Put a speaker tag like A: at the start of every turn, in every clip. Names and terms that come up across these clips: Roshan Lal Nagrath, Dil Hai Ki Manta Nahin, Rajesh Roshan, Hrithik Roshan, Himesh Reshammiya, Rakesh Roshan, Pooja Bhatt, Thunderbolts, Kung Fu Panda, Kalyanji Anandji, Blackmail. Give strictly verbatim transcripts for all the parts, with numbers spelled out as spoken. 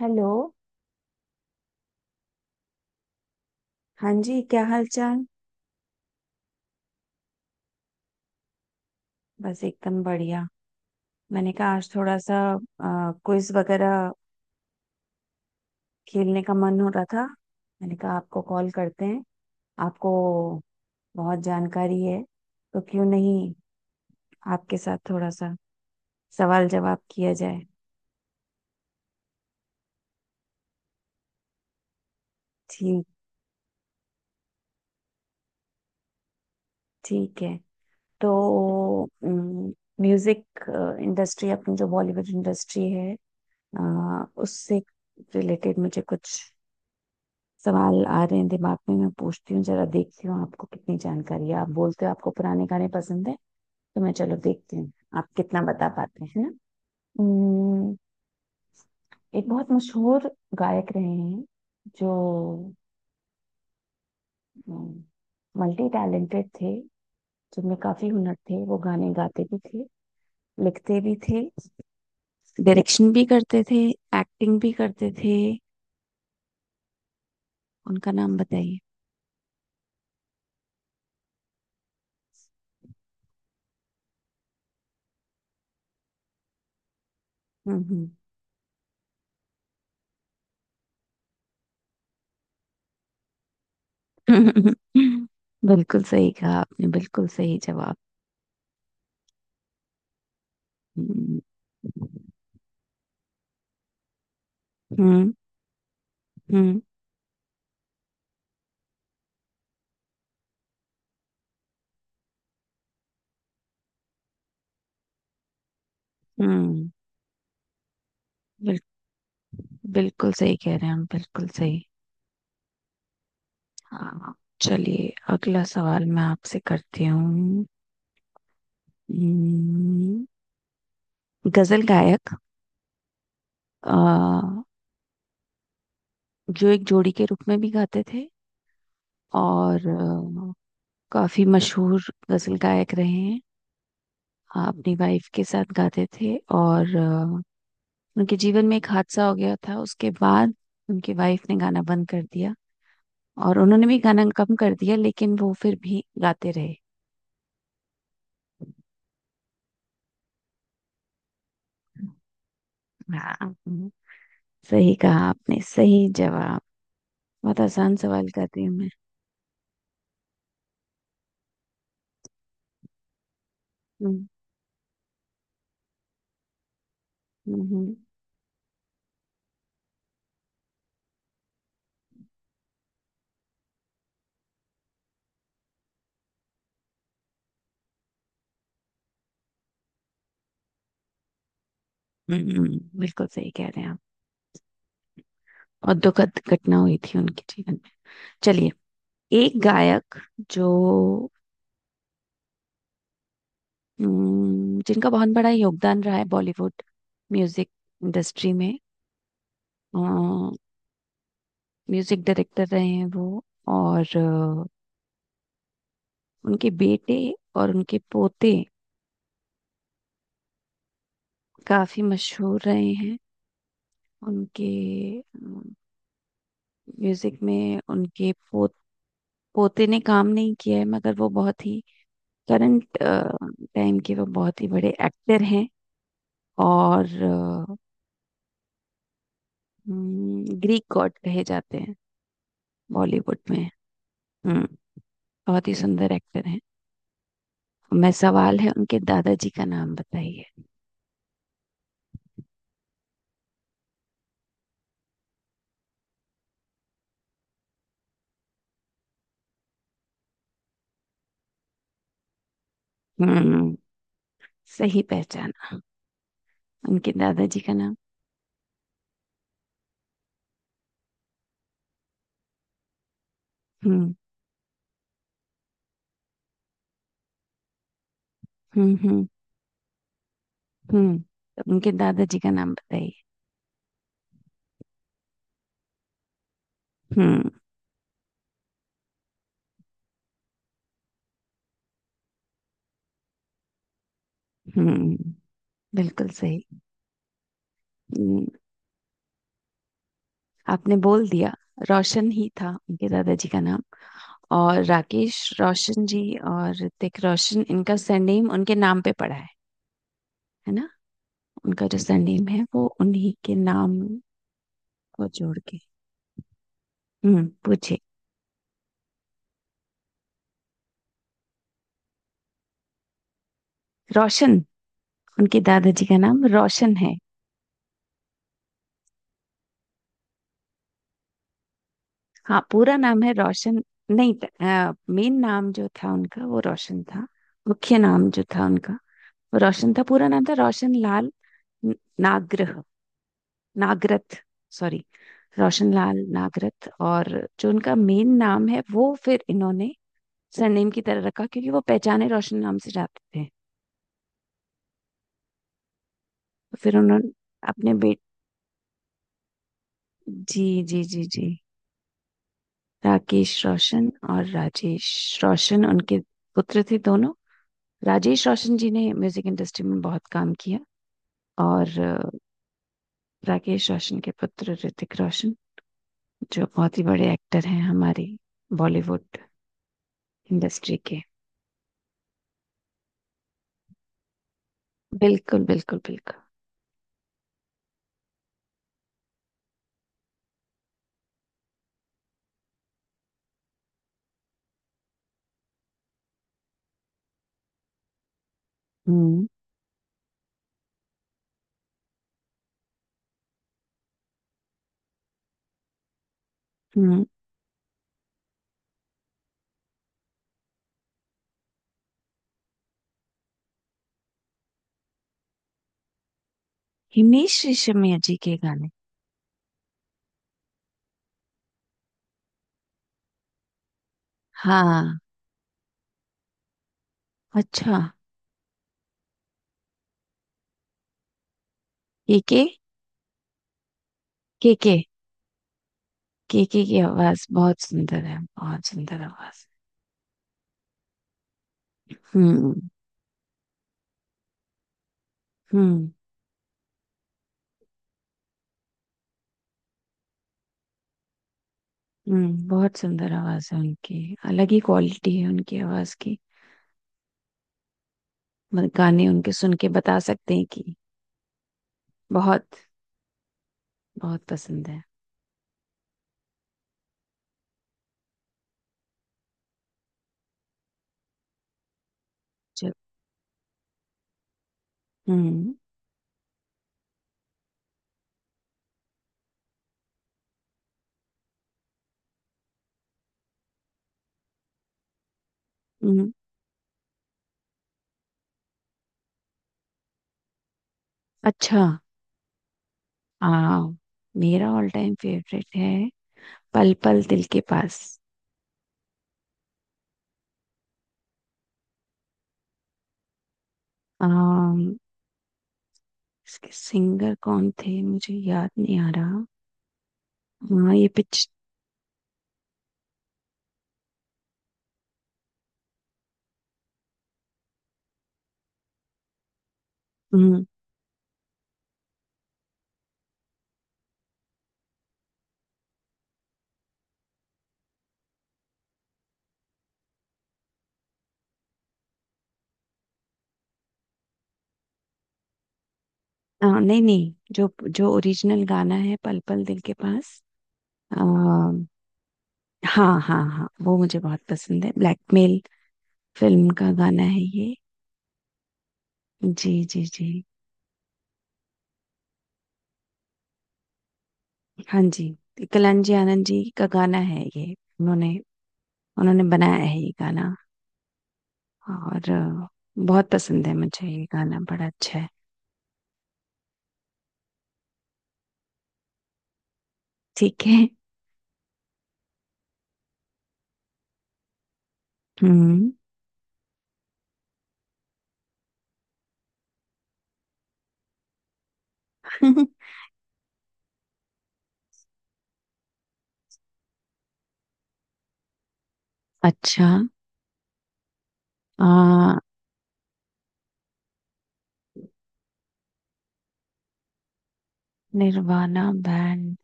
A: Hello. हाँ जी, क्या हाल चाल। बस एकदम बढ़िया। मैंने कहा आज थोड़ा सा क्विज वगैरह खेलने का मन हो रहा था। मैंने कहा आपको कॉल करते हैं, आपको बहुत जानकारी है, तो क्यों नहीं आपके साथ थोड़ा सा सवाल जवाब किया जाए। ठीक, ठीक है। तो म्यूजिक इंडस्ट्री, अपनी जो बॉलीवुड इंडस्ट्री है, अ, उससे रिलेटेड मुझे कुछ सवाल आ रहे हैं दिमाग में। मैं पूछती हूँ, जरा देखती हूँ आपको कितनी जानकारी है। आप बोलते हो आपको पुराने गाने पसंद है, तो मैं चलो देखती हूँ आप कितना बता पाते हैं, है ना। उम्म, एक बहुत मशहूर गायक रहे हैं, जो मल्टी टैलेंटेड थे, जिनमें काफी हुनर थे। वो गाने गाते भी थे, लिखते भी थे, डायरेक्शन भी करते थे, एक्टिंग भी करते थे। उनका नाम बताइए। हम्म हम्म। बिल्कुल सही कहा आपने, बिल्कुल सही जवाब। हम्म, हम्म। हम्म। हम्म। बिल, बिल्कुल सही कह रहे हैं हम, बिल्कुल सही। हाँ, चलिए अगला सवाल मैं आपसे करती हूँ। हम्म, गजल गायक, अ, जो एक जोड़ी के रूप में भी गाते थे, और अ, काफी मशहूर गजल गायक रहे हैं। हाँ, अपनी वाइफ के साथ गाते थे, और अ, उनके जीवन में एक हादसा हो गया था, उसके बाद उनकी वाइफ ने गाना बंद कर दिया, और उन्होंने भी गाना कम कर दिया, लेकिन वो फिर भी गाते रहे। हाँ, हम्म, सही कहा आपने, सही जवाब। बहुत आसान सवाल कर रही हूँ मैं। हम्म। हम्म। हम्म, हम्म, बिल्कुल सही कह रहे हैं आप। और दुखद घटना हुई थी उनके जीवन में। चलिए, एक गायक, जो हम्म, जिनका बहुत बड़ा योगदान रहा है बॉलीवुड म्यूजिक इंडस्ट्री में। म्यूजिक डायरेक्टर रहे हैं वो, और अ, उनके बेटे और उनके पोते काफी मशहूर रहे हैं। उनके म्यूजिक में उनके पो, पोते ने काम नहीं किया है, मगर वो बहुत ही करंट टाइम के वो बहुत ही बड़े एक्टर हैं, और ग्रीक गॉड कहे जाते हैं बॉलीवुड में। हम्म। बहुत ही सुंदर एक्टर हैं। मैं सवाल है, उनके दादाजी का नाम बताइए। हम्म, सही पहचाना। उनके दादाजी का नाम। हम्म। हम्म। हम्म। हम्म, तो उनके दादाजी का नाम बताइए। हम्म। हम्म, बिल्कुल सही। हम्म, आपने बोल दिया। रोशन ही था उनके दादाजी का नाम, और राकेश रोशन जी, और ऋतिक रोशन, इनका सरनेम उनके नाम पे पड़ा है है ना। उनका जो सरनेम है, वो उन्हीं के नाम को जोड़ के। हम्म, पूछे। रोशन, उनके दादाजी का नाम रोशन है। हाँ, पूरा नाम है रोशन। नहीं, मेन नाम जो था उनका वो रोशन था, मुख्य नाम जो था उनका वो रोशन था। पूरा नाम था रोशन लाल न- नागरह, नागरथ, सॉरी, रोशनलाल नागरथ। और जो उनका मेन नाम है, वो फिर इन्होंने सरनेम की तरह रखा, क्योंकि वो पहचाने रोशन नाम से जाते थे। तो फिर उन्होंने अपने बेट, जी जी जी जी, राकेश रोशन और राजेश रोशन उनके पुत्र थे दोनों। राजेश रोशन जी ने म्यूजिक इंडस्ट्री में बहुत काम किया, और अ, राकेश रोशन के पुत्र ऋतिक रोशन, जो बहुत ही बड़े एक्टर हैं हमारी बॉलीवुड इंडस्ट्री के। बिल्कुल बिल्कुल बिल्कुल। हम्म। हम्म, हिमेश रेशमिया जी के गाने। हाँ। अच्छा। के के। के के। के के की आवाज बहुत सुंदर है, बहुत सुंदर आवाज। हम्म। हम्म। हम्म, बहुत सुंदर आवाज है उनकी, अलग ही क्वालिटी है उनकी आवाज की। मत- गाने उनके सुन के बता सकते हैं कि। बहुत, बहुत पसंद है। चल, हम्म। हम्म। अच्छा। आ, मेरा ऑल टाइम फेवरेट है पल पल दिल के पास। आ, इसके सिंगर कौन थे मुझे याद नहीं आ रहा। हाँ ये पिक्च। हम्म। हाँ, नहीं नहीं, जो जो ओरिजिनल गाना है पल पल दिल के पास, आ, हाँ हाँ हाँ, वो मुझे बहुत पसंद है। ब्लैकमेल फिल्म का गाना है ये। जी जी जी। हाँ जी, कलांजी आनंद जी का गाना है ये। उन्होंने, उन्होंने बनाया है ये गाना, और अ, बहुत पसंद है मुझे ये गाना, बड़ा अच्छा है। ठीक है। हम्म। अच्छा। आ, निर्वाणा बैंड,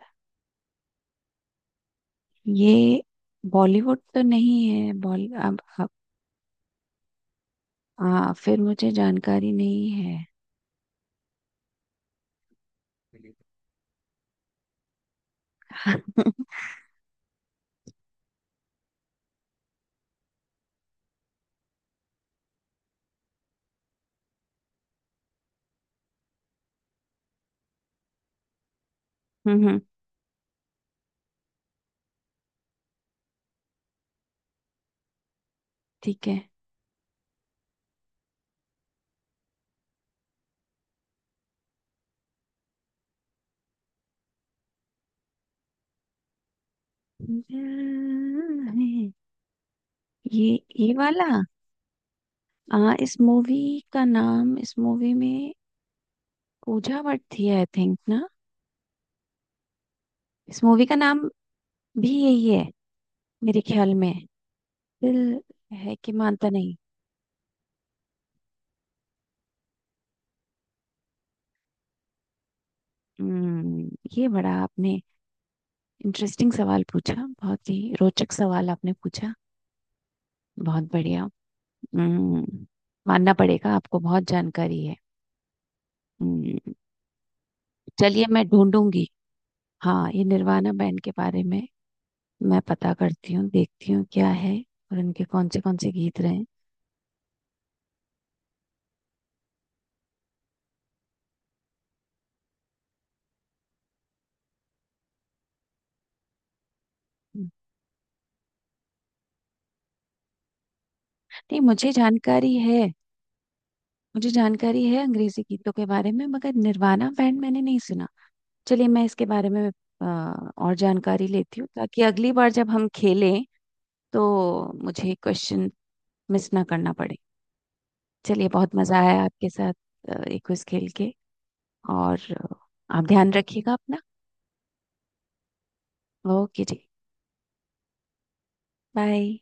A: ये बॉलीवुड तो नहीं है बॉली अब अब- हाँ, फिर मुझे जानकारी नहीं है। हम्म हम्म, ठीक है। ये ये वाला। आ, इस मूवी का नाम, इस मूवी में पूजा भट्ट थी आई थिंक, ना। इस मूवी का नाम भी यही है मेरे ख्याल में, दिल है कि मानता नहीं। हम्म, ये बड़ा आपने इंटरेस्टिंग सवाल पूछा, बहुत ही रोचक सवाल आपने पूछा, बहुत बढ़िया। हम्म, मानना पड़ेगा, आपको बहुत जानकारी है। हम्म। चलिए मैं ढूंढूंगी। हाँ, ये निर्वाणा बैंड के बारे में मैं पता करती हूँ, देखती हूँ क्या है, और इनके कौन से कौन से गीत रहे हैं। हम्म, नहीं मुझे जानकारी है। मुझे जानकारी है अंग्रेजी गीतों के बारे में, मगर निर्वाणा बैंड मैंने नहीं सुना। चलिए, मैं इसके बारे में अ, और जानकारी लेती हूँ, ताकि अगली बार जब हम खेलें तो मुझे क्वेश्चन मिस ना करना पड़े। चलिए, बहुत मजा आया आपके साथ अ, ये क्विज खेल के। और अ, आप ध्यान रखिएगा अपना। ओके जी। बाय।